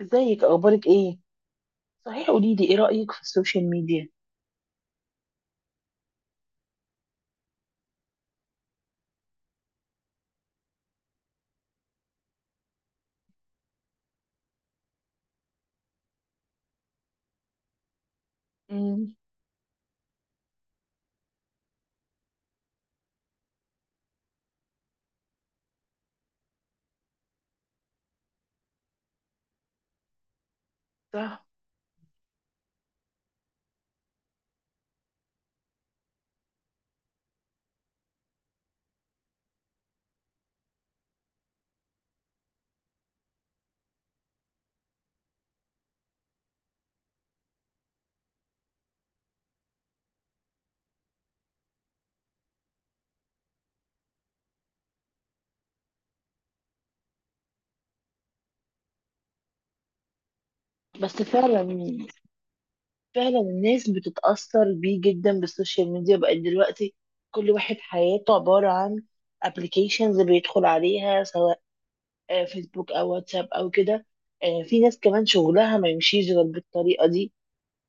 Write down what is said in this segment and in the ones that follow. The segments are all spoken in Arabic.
ازيك؟ اخبارك ايه؟ صحيح، قولي لي ايه رأيك في السوشيال ميديا؟ امم. صح. بس فعلا، فعلا الناس بتتأثر بيه جدا بالسوشيال ميديا بقى دلوقتي. كل واحد حياته عبارة عن ابلكيشنز بيدخل عليها، سواء فيسبوك او واتساب او كده. في ناس كمان شغلها ما يمشيش غير بالطريقة دي.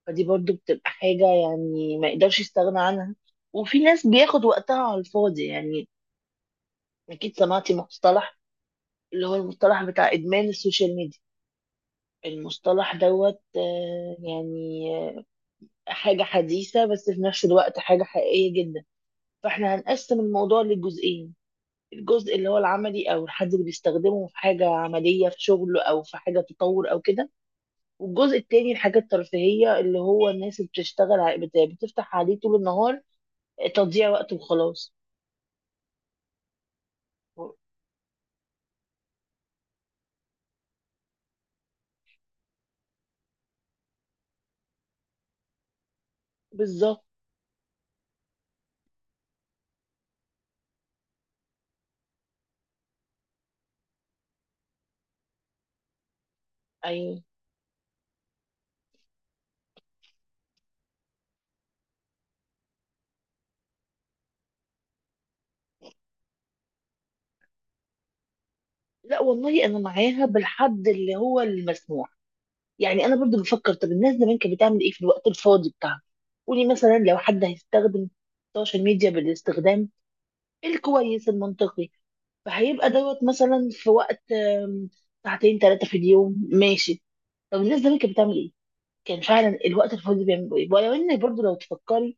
فدي برضو بتبقى حاجة يعني ما يقدرش يستغنى عنها. وفي ناس بياخد وقتها على الفاضي يعني. اكيد سمعتي مصطلح اللي هو المصطلح بتاع ادمان السوشيال ميديا. المصطلح دوت، يعني، آه، حاجة حديثة، بس في نفس الوقت حاجة حقيقية جدا. فاحنا هنقسم الموضوع لجزئين: الجزء اللي هو العملي او الحد اللي بيستخدمه في حاجة عملية في شغله او في حاجة تطور او كده، والجزء التاني الحاجة الترفيهية اللي هو الناس اللي بتشتغل بتفتح عليه طول النهار. تضييع وقت وخلاص. بالظبط. ايوه. لا والله انا معاها بالحد اللي هو المسموح. يعني انا برضو بفكر، طب الناس زمان كانت بتعمل ايه في الوقت الفاضي بتاعها؟ قولي مثلا لو حد هيستخدم السوشيال ميديا بالاستخدام الكويس المنطقي، فهيبقى دوت مثلا في وقت ساعتين ثلاثة في اليوم، ماشي. طب الناس زمان كانت بتعمل ايه؟ كان فعلا الوقت الفاضي بيعملوا ايه؟ ولو ان برضو لو تفكري،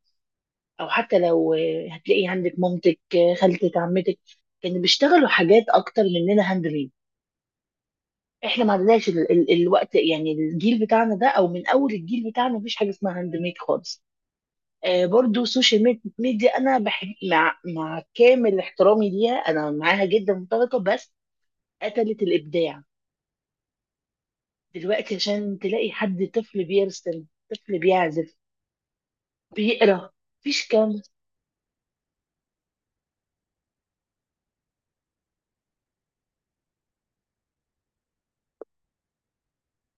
او حتى لو هتلاقي عندك مامتك، خالتك، عمتك كانوا بيشتغلوا حاجات اكتر مننا هاند ميد. احنا ما عندناش ال ال الوقت، يعني الجيل بتاعنا ده او من اول الجيل بتاعنا مفيش حاجه اسمها هاند ميد خالص. برضو السوشيال ميديا انا بحب، مع كامل احترامي ليها انا معاها جدا متفقه، بس قتلت الابداع. دلوقتي عشان تلاقي حد طفل بيرسم، طفل بيعزف، بيقرا، مفيش كام.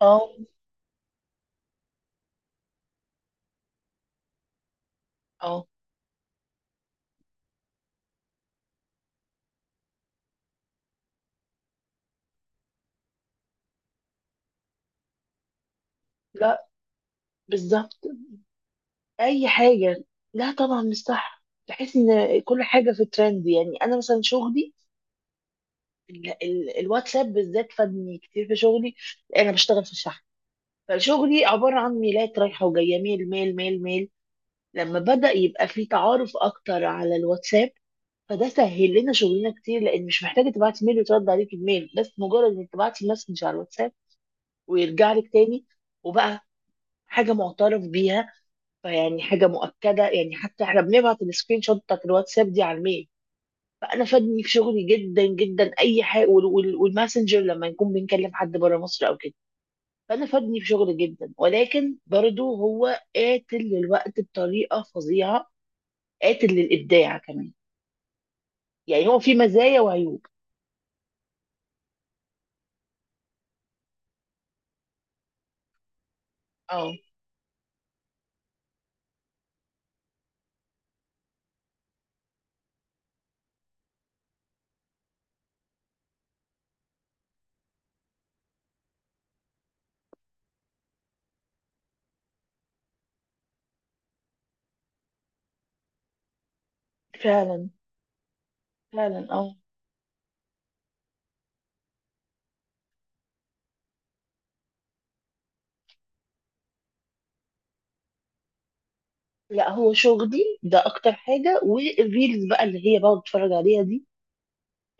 اه. اه. لا. بالظبط. اي حاجه. لا طبعا مش صح، بحس ان كل حاجه في ترند. يعني انا مثلا شغلي، الواتساب بالذات فادني كتير في شغلي. انا بشتغل في الشحن، فشغلي عباره عن ميلات رايحه وجايه، ميل ميل ميل ميل. لما بدا يبقى في تعارف اكتر على الواتساب، فده سهل لنا شغلنا كتير، لان مش محتاجه تبعتي ميل وترد عليك بميل، بس مجرد انك تبعتي مسج على الواتساب ويرجع لك تاني. وبقى حاجه معترف بيها، فيعني حاجه مؤكده، يعني حتى احنا بنبعت السكرين شوت بتاعت الواتساب دي على الميل. فانا فادني في شغلي جدا جدا اي حاجه، والماسنجر لما نكون بنكلم حد بره مصر او كده، فانا فادني في شغلي جدا. ولكن برضه هو قاتل للوقت بطريقه فظيعه، قاتل للابداع كمان. يعني هو في مزايا وعيوب. اه. فعلا. فعلا. اه. لا هو شغلي ده اكتر حاجه، والريلز بقى اللي هي بقعد اتفرج عليها دي.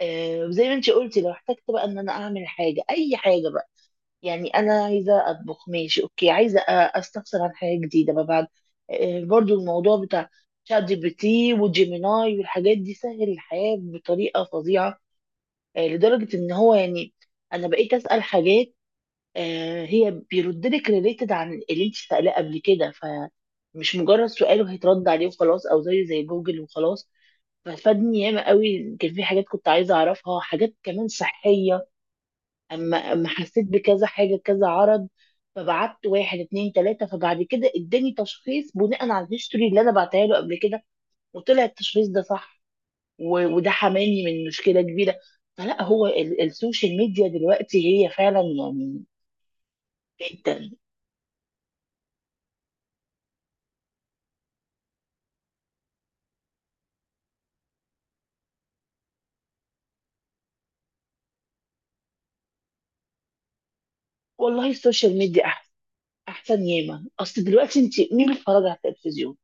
آه، زي ما انت قلتي لو احتجت بقى ان انا اعمل حاجه، اي حاجه. يعني انا عايزه اطبخ، ماشي، اوكي. عايزه استفسر عن حاجه جديده بقى بعد. برضو الموضوع بتاع شات جي بي تي وجيميناي والحاجات دي سهل الحياه بطريقه فظيعه. لدرجه ان هو يعني انا بقيت اسال حاجات، هي بيرد لك ريليتد عن اللي انت سالاه قبل كده. فمش مجرد سؤال وهيترد عليه وخلاص، او زيه زي جوجل وخلاص. ففادني ياما قوي. كان في حاجات كنت عايزه اعرفها، حاجات كمان صحيه. اما حسيت بكذا حاجه كذا عرض، فبعت واحد اتنين تلاته، فبعد كده اداني تشخيص بناء على الهيستوري اللي انا بعتها له قبل كده، وطلع التشخيص ده صح. وده حماني من مشكله كبيره. فلا هو السوشيال ميديا دلوقتي هي فعلا يعني جدا. والله السوشيال ميديا احسن، احسن ياما. اصل دلوقتي انت مين بيتفرج على التلفزيون؟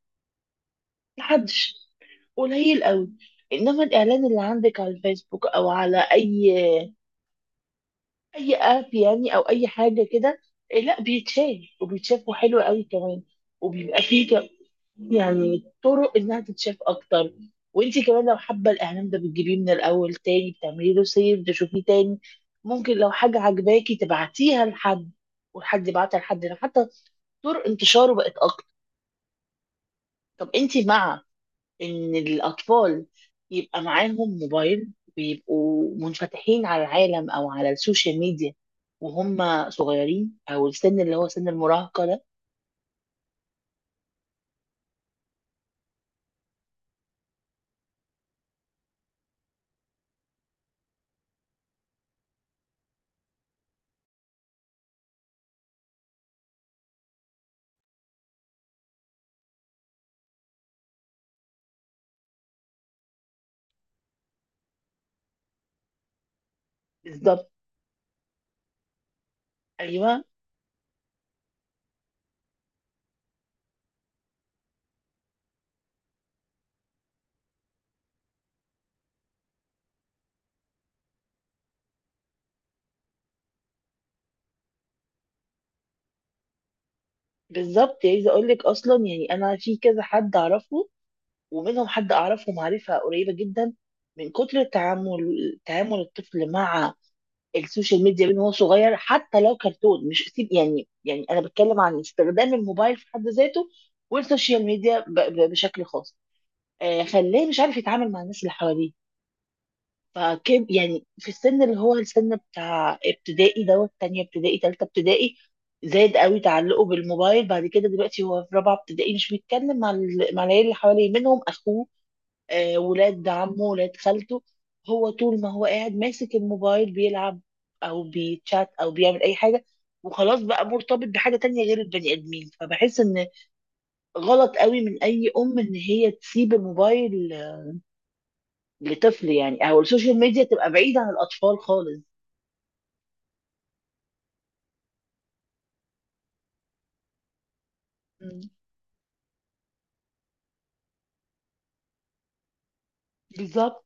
محدش، قليل قوي. انما الاعلان اللي عندك على الفيسبوك او على اي اي اب يعني، او اي حاجه كده، إيه، لا، بيتشاف وبيتشاف وحلو قوي كمان. وبيبقى فيه يعني طرق انها تتشاف اكتر. وانتي كمان لو حابه الاعلان ده بتجيبيه من الاول تاني، بتعملي له سيف تشوفيه تاني. ممكن لو حاجه عجباكي تبعتيها لحد، والحد يبعتها لحد، ده حتى طرق انتشاره بقت اكتر. طب انتي مع ان الاطفال يبقى معاهم موبايل ويبقوا منفتحين على العالم او على السوشيال ميديا وهم صغيرين، او السن اللي هو سن المراهقه ده؟ بالظبط. ايوه. بالظبط. يعني عايزه اقول لك اصلا، يعني انا في كذا حد اعرفه، ومنهم حد اعرفه معرفه قريبه جدا. من كتر التعامل، تعامل الطفل مع السوشيال ميديا من هو صغير، حتى لو كرتون مش سيب. يعني انا بتكلم عن استخدام الموبايل في حد ذاته والسوشيال ميديا بشكل خاص، خلاه مش عارف يتعامل مع الناس اللي حواليه. فكب يعني في السن اللي هو السن بتاع ابتدائي، دوت تانية ابتدائي، تالتة ابتدائي، زاد قوي تعلقه بالموبايل. بعد كده دلوقتي هو في رابعة ابتدائي، مش بيتكلم مع مع العيال اللي حواليه، منهم أخوه، ولاد عمه، ولاد خالته. هو طول ما هو قاعد ماسك الموبايل بيلعب أو بيتشات أو بيعمل أي حاجة، وخلاص بقى مرتبط بحاجة تانية غير البني آدمين. فبحس إن غلط قوي من أي أم إن هي تسيب الموبايل لطفل، يعني او السوشيال ميديا تبقى بعيدة عن الاطفال خالص. مم. بالظبط.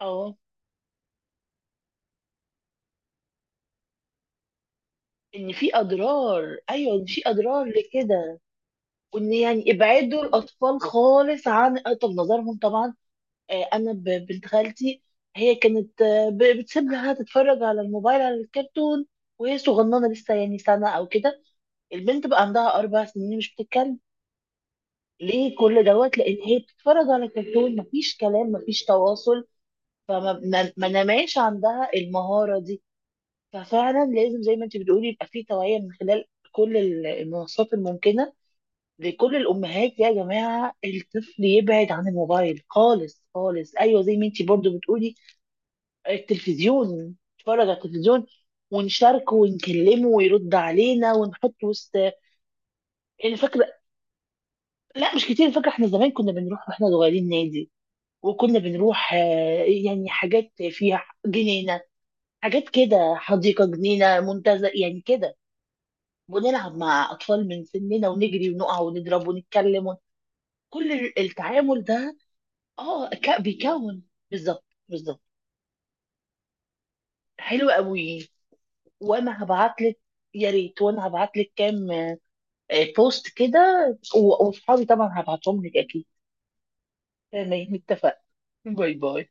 اه، ان في اضرار. ايوه، إن في اضرار لكده. وان يعني ابعدوا الاطفال خالص عن طب نظرهم طبعا. انا بنت خالتي، هي كانت، بتسيب لها تتفرج على الموبايل على الكرتون وهي صغننه لسه، يعني سنه او كده. البنت بقى عندها 4 سنين مش بتتكلم. ليه؟ كل دوت لان هي بتتفرج على الكرتون، مفيش كلام، مفيش تواصل، فما ما ما نماش عندها المهارة دي. ففعلا لازم زي ما انت بتقولي يبقى في توعية من خلال كل المنصات الممكنة لكل الأمهات، يا جماعة الطفل يبعد عن الموبايل خالص خالص. أيوة، زي ما انت برضو بتقولي التلفزيون، نتفرج على التلفزيون ونشاركه ونكلمه ويرد علينا ونحط وسط. يعني فاكرة، لا مش كتير. فاكرة احنا زمان كنا بنروح واحنا صغيرين نادي، وكنا بنروح يعني حاجات فيها جنينة، حاجات كده، حديقة، جنينة، منتزه، يعني كده. ونلعب مع أطفال من سننا، ونجري ونقع ونضرب ونتكلم كل التعامل ده. اه، بيكون. بالظبط، بالظبط. حلو قوي. وانا هبعت لك. يا ريت، وانا هبعت لك كام بوست كده. وصحابي طبعا هبعتهم لك اكيد. تمام، اتفقنا. باي باي.